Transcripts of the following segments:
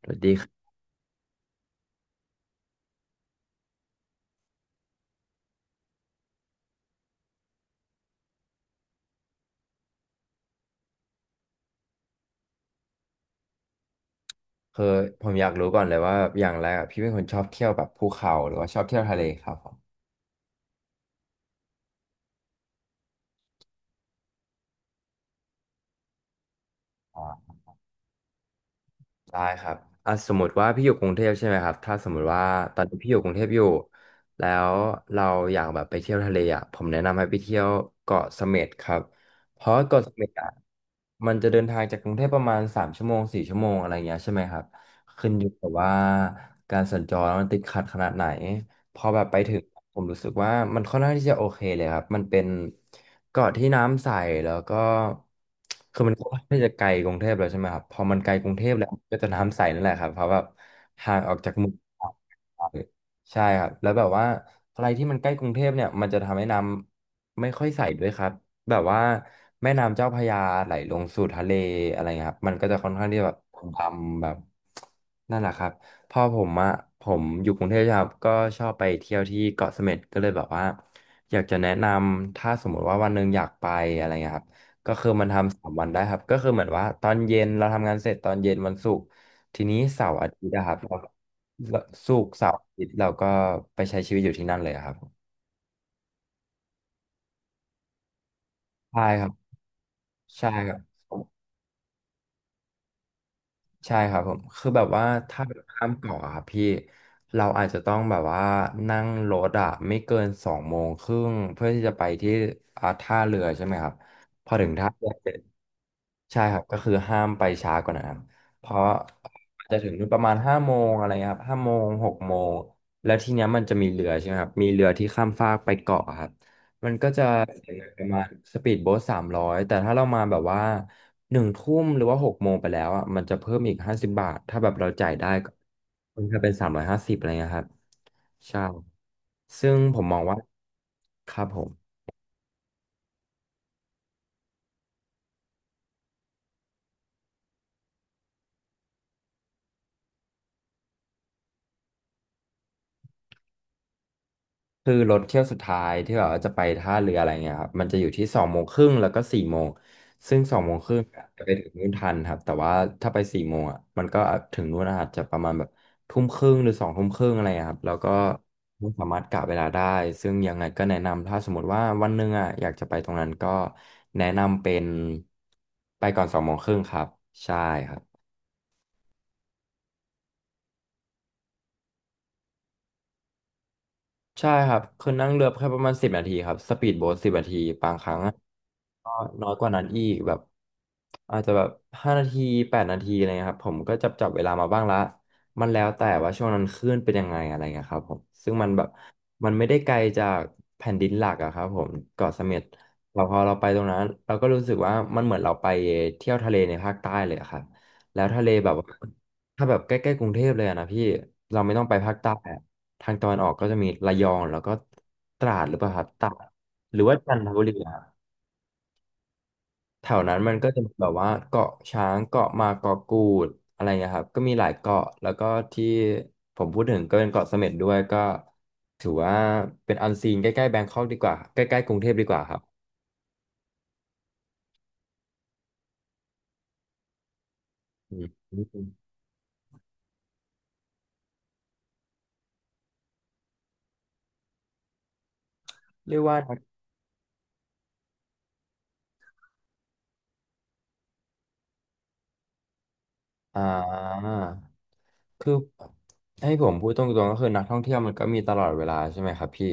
สวัสดีครับคือผมอยากรู้ก่อนเลยว่าอย่างแรกอะพี่เป็นคนชอบเที่ยวแบบภูเขาหรือว่าชอบเที่ยวทะเลครับผมอ่าได้ครับอ่ะสมมติว่าพี่อยู่กรุงเทพใช่ไหมครับถ้าสมมติว่าตอนนี้พี่อยู่กรุงเทพอยู่แล้วเราอยากแบบไปเที่ยวทะเลอ่ะผมแนะนำให้ไปเที่ยวเกาะเสม็ดครับเพราะเกาะเสม็ดอ่ะมันจะเดินทางจากกรุงเทพประมาณ3 ชั่วโมง4 ชั่วโมงอะไรเงี้ยใช่ไหมครับขึ้นอยู่กับว่าการสัญจรมันติดขัดขนาดไหน พอแบบไปถึงผมรู้สึกว่ามันค่อนข้างที่จะโอเคเลยครับมันเป็นเกาะที่น้ำใสแล้วก็คือมันก็ค่อนข้างที่จะไกลกรุงเทพแล้วใช่ไหมครับพอมันไกลกรุงเทพแล้วก็จะน้ำใสนั่นแหละครับเพราะแบบห่างออกจากเมืองใช่ครับแล้วแบบว่าอะไรที่มันใกล้กรุงเทพเนี่ยมันจะทำให้น้ำไม่ค่อยใสด้วยครับแบบว่าแม่น้ำเจ้าพระยาไหลลงสู่ทะเลอะไรเงี้ยครับมันก็จะค่อนข้างที่แบบดำแบบนั่นแหละครับ พอผมอะผมอยู่กรุงเทพใช่ไหมครับก็ชอบไปเที่ยวที่เกาะเสม็ดก็เลยแบบว่าอยากจะแนะนำถ้าสมมติว่าวันหนึ่งอยากไปอะไรเงี้ยครับก็คือมันทำ3 วันได้ครับก็คือเหมือนว่าตอนเย็นเราทำงานเสร็จตอนเย็นวันศุกร์ทีนี้เสาร์อาทิตย์นะครับเราศุกร์เสาร์อาทิตย์เราก็ไปใช้ชีวิตอยู่ที่นั่นเลยอะครับใช่ครับใช่ครับ ใช่ครับผมคือแบบว่าถ้าแบบข้ามเกาะอะครับพี่เราอาจจะต้องแบบว่านั่งรถอะไม่เกินสองโมงครึ่งเพื่อที่จะไปที่ท่าเรือใช่ไหมครับพอถึงท่าเรือเสร็จใช่ครับก็คือห้ามไปช้ากว่านั้นครับเพราะอาจจะถึงนู่นประมาณห้าโมงอะไรเงี้ยครับห้าโมงหกโมงแล้วทีเนี้ยมันจะมีเรือใช่ไหมครับมีเรือที่ข้ามฟากไปเกาะครับ มันก็จะเสียเงินประมาณสปีดโบ๊ทสามร้อยแต่ถ้าเรามาแบบว่า1 ทุ่มหรือว่าหกโมงไปแล้วอ่ะมันจะเพิ่มอีก50 บาทถ้าแบบเราจ่ายได้ก็มันจะเป็น350อะไรเงี้ยครับใช่ซึ่งผมมองว่าครับผม คือรถเที่ยวสุดท้ายที่แบบว่าจะไปท่าเรืออะไรเงี้ยครับมันจะอยู่ที่สองโมงครึ่งแล้วก็สี่โมงซึ่งสองโมงครึ่งจะไปถึงนู่นทันครับแต่ว่าถ้าไปสี่โมงอ่ะมันก็ถึงนู่นอาจจะประมาณแบบทุ่มครึ่งหรือ2 ทุ่มครึ่งอะไรเงี้ยครับแล้วก็ไม่สามารถกะเวลาได้ซึ่งยังไงก็แนะนำถ้าสมมติว่าวันหนึ่งอ่ะอยากจะไปตรงนั้นก็แนะนำเป็นไปก่อนสองโมงครึ่งครับใช่ครับ ใช่ครับคือนั่งเรือแค่ประมาณสิบนาทีครับสปีดโบ๊ทสิบนาทีบางครั้งอะก็น้อยกว่านั้นอีกแบบอาจจะแบบ5 นาที8 นาทีอะไรเงี้ยครับผมก็จับเวลามาบ้างละมันแล้วแต่ว่าช่วงนั้นคลื่นเป็นยังไงอะไรเงี้ยครับผมซึ่งมันแบบมันไม่ได้ไกลจากแผ่นดินหลักอะครับผมเกาะเสม็ดเราพอเราไปตรงนั้นเราก็รู้สึกว่ามันเหมือนเราไปเที่ยวทะเลในภาคใต้เลยอะครับแล้วทะเลแบบว่า ถ้าแบบใกล้ๆกรุงเทพเลยอะนะพี่เราไม่ต้องไปภาคใต้อะทางตะวันออกก็จะมีระยองแล้วก็ตราดหรือเปล่าครับตราดหรือว่าจันทบุรีอะแถวนั้นมันก็จะมีแบบว่าเกาะช้างเกาะมาเกาะกูดอะไรเงี้ยครับก็มีหลายเกาะแล้วก็ที่ผมพูดถึงก็เป็นเกาะเสม็ดด้วยก็ถือว่าเป็นอันซีนใกล้ๆแบงคอกดีกว่าใกล้ๆกรุงเทพดีกว่าครับอืมเรียกว่า อ่าคือให้ผมพูดตรงๆก็คือนักท่องเที่ยวมันก็มีตลอดเวลาใช่ไหมครับพี่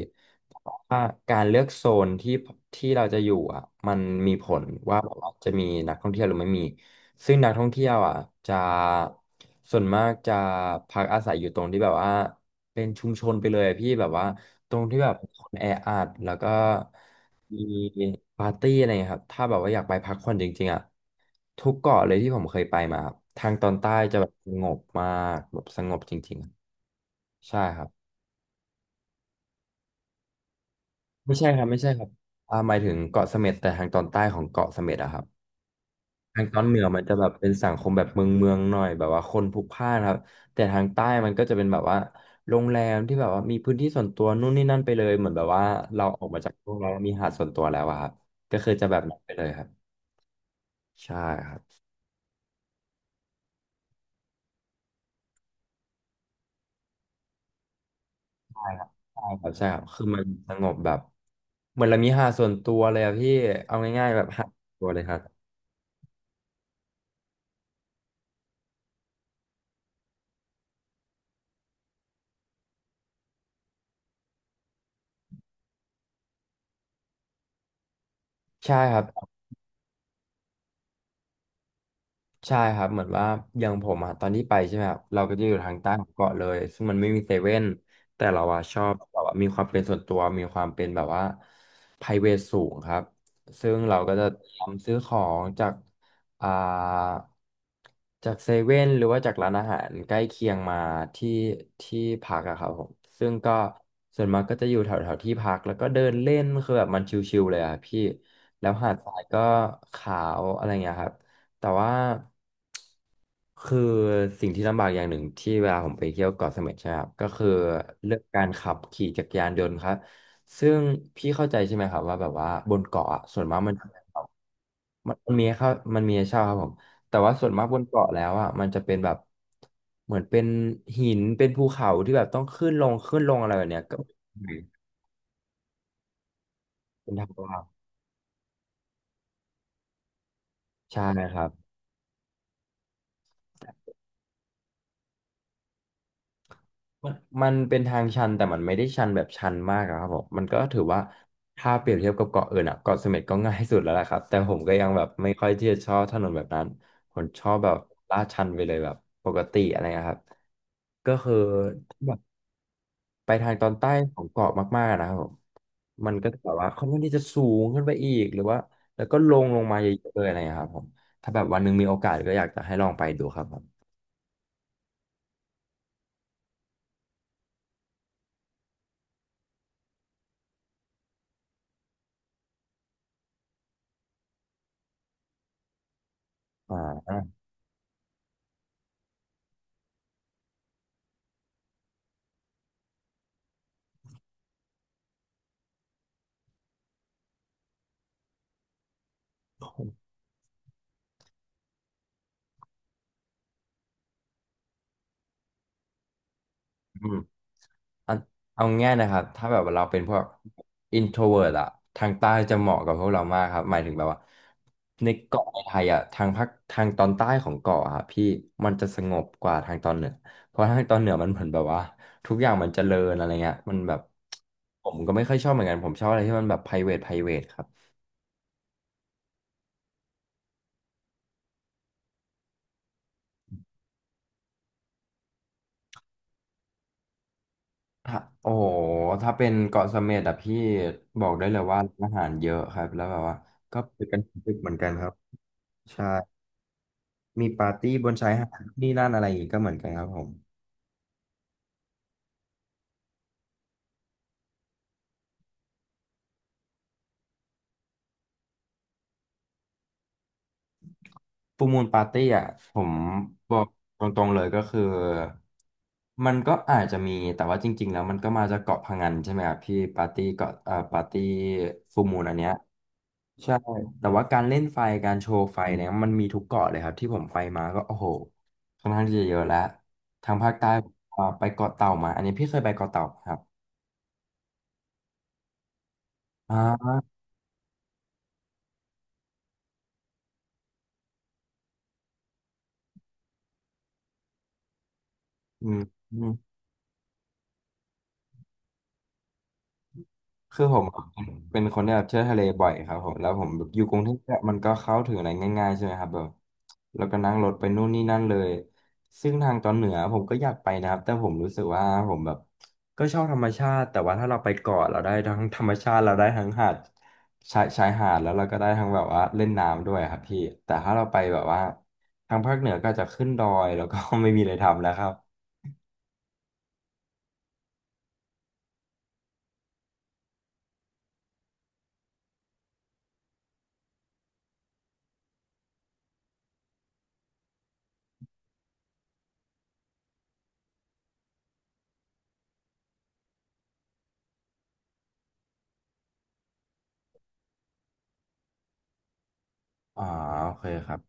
เพราะว่าการเลือกโซนที่ที่เราจะอยู่อ่ะมันมีผลว่าแบบว่าจะมีนักท่องเที่ยวหรือไม่มีซึ่งนักท่องเที่ยวอ่ะจะส่วนมากจะพักอาศัยอยู่ตรงที่แบบว่าเป็นชุมชนไปเลยอะพี่แบบว่าตรงที่แบบคนแออัดแล้วก็ มีปาร์ตี้อะไรเงี้ยครับถ้าแบบว่าอยากไปพักผ่อนจริงๆอ่ะทุกเกาะเลยที่ผมเคยไปมาครับทางตอนใต้จะแบบสงบมากแบบสงบจริงๆใช่ครับไม่ใช่ครับไม่ใช่ครับหมายถึงเกาะเสม็ดแต่ทางตอนใต้ของเกาะเสม็ดอะครับทางตอนเหนือมันจะแบบเป็นสังคมแบบเมืองเมืองหน่อยแบบว่าคนพลุกพล่านครับแต่ทางใต้มันก็จะเป็นแบบว่าโรงแรมที่แบบว่ามีพื้นที่ส่วนตัวนู่นนี่นั่นไปเลยเหมือนแบบว่าเราออกมาจากโรงแรมมีหาดส่วนตัวแล้วอะครับก็คือจะแบบนั้นไปเลยครับใช่ครับ ใช่ครับใช่ครับใช่ครับคือมันสงบแบบเหมือนเรามีหาดส่วนตัวเลยอะพี่เอาง่ายๆแบบหาดส่วนตัวเลยครับใช่ครับ ใช่ครับเหมือนว่าอย่างผมอะตอนที่ไปใช่ไหมครับเราก็จะอยู่ทางใต้ของเกาะเลยซึ่งมันไม่มีเซเว่นแต่เราอะชอบแบบว่ามีความเป็นส่วนตัวมีความเป็นแบบว่า private สูงครับซึ่งเราก็จะเตรียมซื้อของจากอ่าจากเซเว่นหรือว่าจากร้านอาหารใกล้เคียงมาที่พักอะครับผมซึ่งก็ส่วนมากก็จะอยู่แถวแถวที่พักแล้วก็เดินเล่นคือแบบมันชิลๆเลยอะพี่แล้วหาดทรายก็ขาวอะไรเงี้ยครับ แต่ว่าคือสิ่งที่ลำบากอย่างหนึ่งที่เวลาผมไปเที่ยวเกาะเสม็ดใช่ไหมครับก็คือเรื่องการขับขี่จักรยานยนต์ครับซึ่งพี่เข้าใจใช่ไหมครับว่าแบบว่าบนเกาะอะส่วนมากมันจะเป็นแบบมันมนมีให้เข้ามันมีให้เช่าครับผมแต่ว่าส่วนมากบนเกาะแล้วอ่ะมันจะเป็นแบบเหมือนเป็นหินเป็นภูเขาที่แบบต้องขึ้นลงขึ้นลงอะไรแบบเนี้ยก็เป็นทางลาดใช่ครับ มันมันเป็นทางชันแต่มันไม่ได้ชันแบบชันมากอะครับผมมันก็ถือว่าถ้าเปรียบเทียบกับเกาะอื่นอะเกาะเสม็ดก็ง่ายสุดแล้วแหละครับแต่ผมก็ยังแบบไม่ค่อยที่จะชอบถนนแบบนั้นผมชอบแบบลาดชันไปเลยแบบปกติอะไรนะครับก็คือแบบไปทางตอนใต้ของเกาะมากๆนะครับผมมันก็จะแบบว่าค่อนข้างที่จะสูงขึ้นไปอีกหรือว่าแล้วก็ลงลงมาเยอะๆเลยอะไรนะครับผมถ้าแบบวันหนึงมีโอกาสก็อยากจะให้ลองไปดูครับผมอ่า เอาเอาง่ายนะครับถ้าแบบว่าเราเป็นพวก introvert อะทางใต้จะเหมาะกับพวกเรามากครับหมายถึงแบบว่าในเกาะในไทยอะทางภาคทางตอนใต้ของเกาะอะครับพี่มันจะสงบกว่าทางตอนเหนือเพราะทางตอนเหนือมันเหมือนแบบว่าทุกอย่างมันเจริญอะไรเงี้ยมันแบบผมก็ไม่ค่อยชอบเหมือนกันผมชอบอะไรที่มันแบบ private private ครับถ้าโอ้โหถ้าเป็นเกาะเสม็ดอะพี่บอกได้เลยว่าร้านอาหารเยอะครับแล้วแบบว่าก็ไปกันถึงดึกเหมือนกันครับใช่ มีปาร์ตี้บนชายหาดนี่นั่นอะไรอย่างงี้ก็เหมือนกันครับผมฟูลมูนปาร์ตี้อ่ะผมบอกตรงๆเลยก็คือมันก็อาจจะมีแต่ว่าจริงๆแล้วมันก็มาจากเกาะพะงันใช่ไหมครับพี่ปาร์ตี้เกาะปาร์ตี้ฟูลมูนอันเนี้ยใช่แต่ว่าการเล่นไฟการโชว์ไฟเนี่ยมันมีทุกเกาะเลยครับที่ผมไปมาก็โอ้โหค่อนข้างที่จะเยอะแล้วทางภาคใต้ผมก็ไปเกาะเต่ามาอันนี้พี่เคยไปเกาะเต่าไหมครับอ่าอืม คือผมเป็นคนที่แบบเที่ยวทะเลบ่อยครับผมแล้วผมแบบอยู่กรุงเทพเนี่ยมันก็เข้าถึงอะไรง่ายๆใช่ไหมครับแบบแล้วก็นั่งรถไปนู่นนี่นั่นเลยซึ่งทางตอนเหนือผมก็อยากไปนะครับแต่ผมรู้สึกว่าผมแบบก็ชอบธรรมชาติแต่ว่าถ้าเราไปเกาะเราได้ทั้งธรรมชาติเราได้ทั้งหาดชายหาดแล้วเราก็ได้ทั้งแบบว่าเล่นน้ำด้วยครับพี่แต่ถ้าเราไปแบบว่าทางภาคเหนือก็จะขึ้นดอยแล้วก็ ไม่มีอะไรทำแล้วครับอ๋อโอเคครับ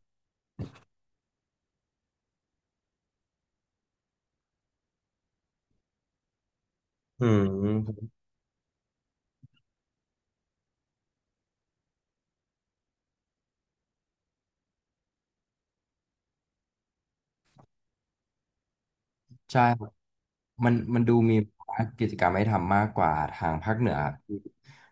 อืม ใช่ครับมันดูมีกิจกรรมให้ทำมากกว่าทางภาคเหนือครับพี่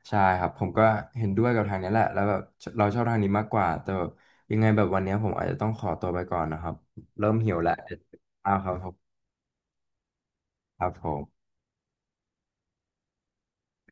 ใช่ครับ ผมก็เห็นด้วยกับทางนี้แหละแล้วแบบเราชอบทางนี้มากกว่า แต่แบบยังไงแบบวันนี้ผมอาจจะต้องขอตัวไปก่อนนะครับ เริ่มหิวแล้วเดี๋ยวกิ้าวครับผมครับผม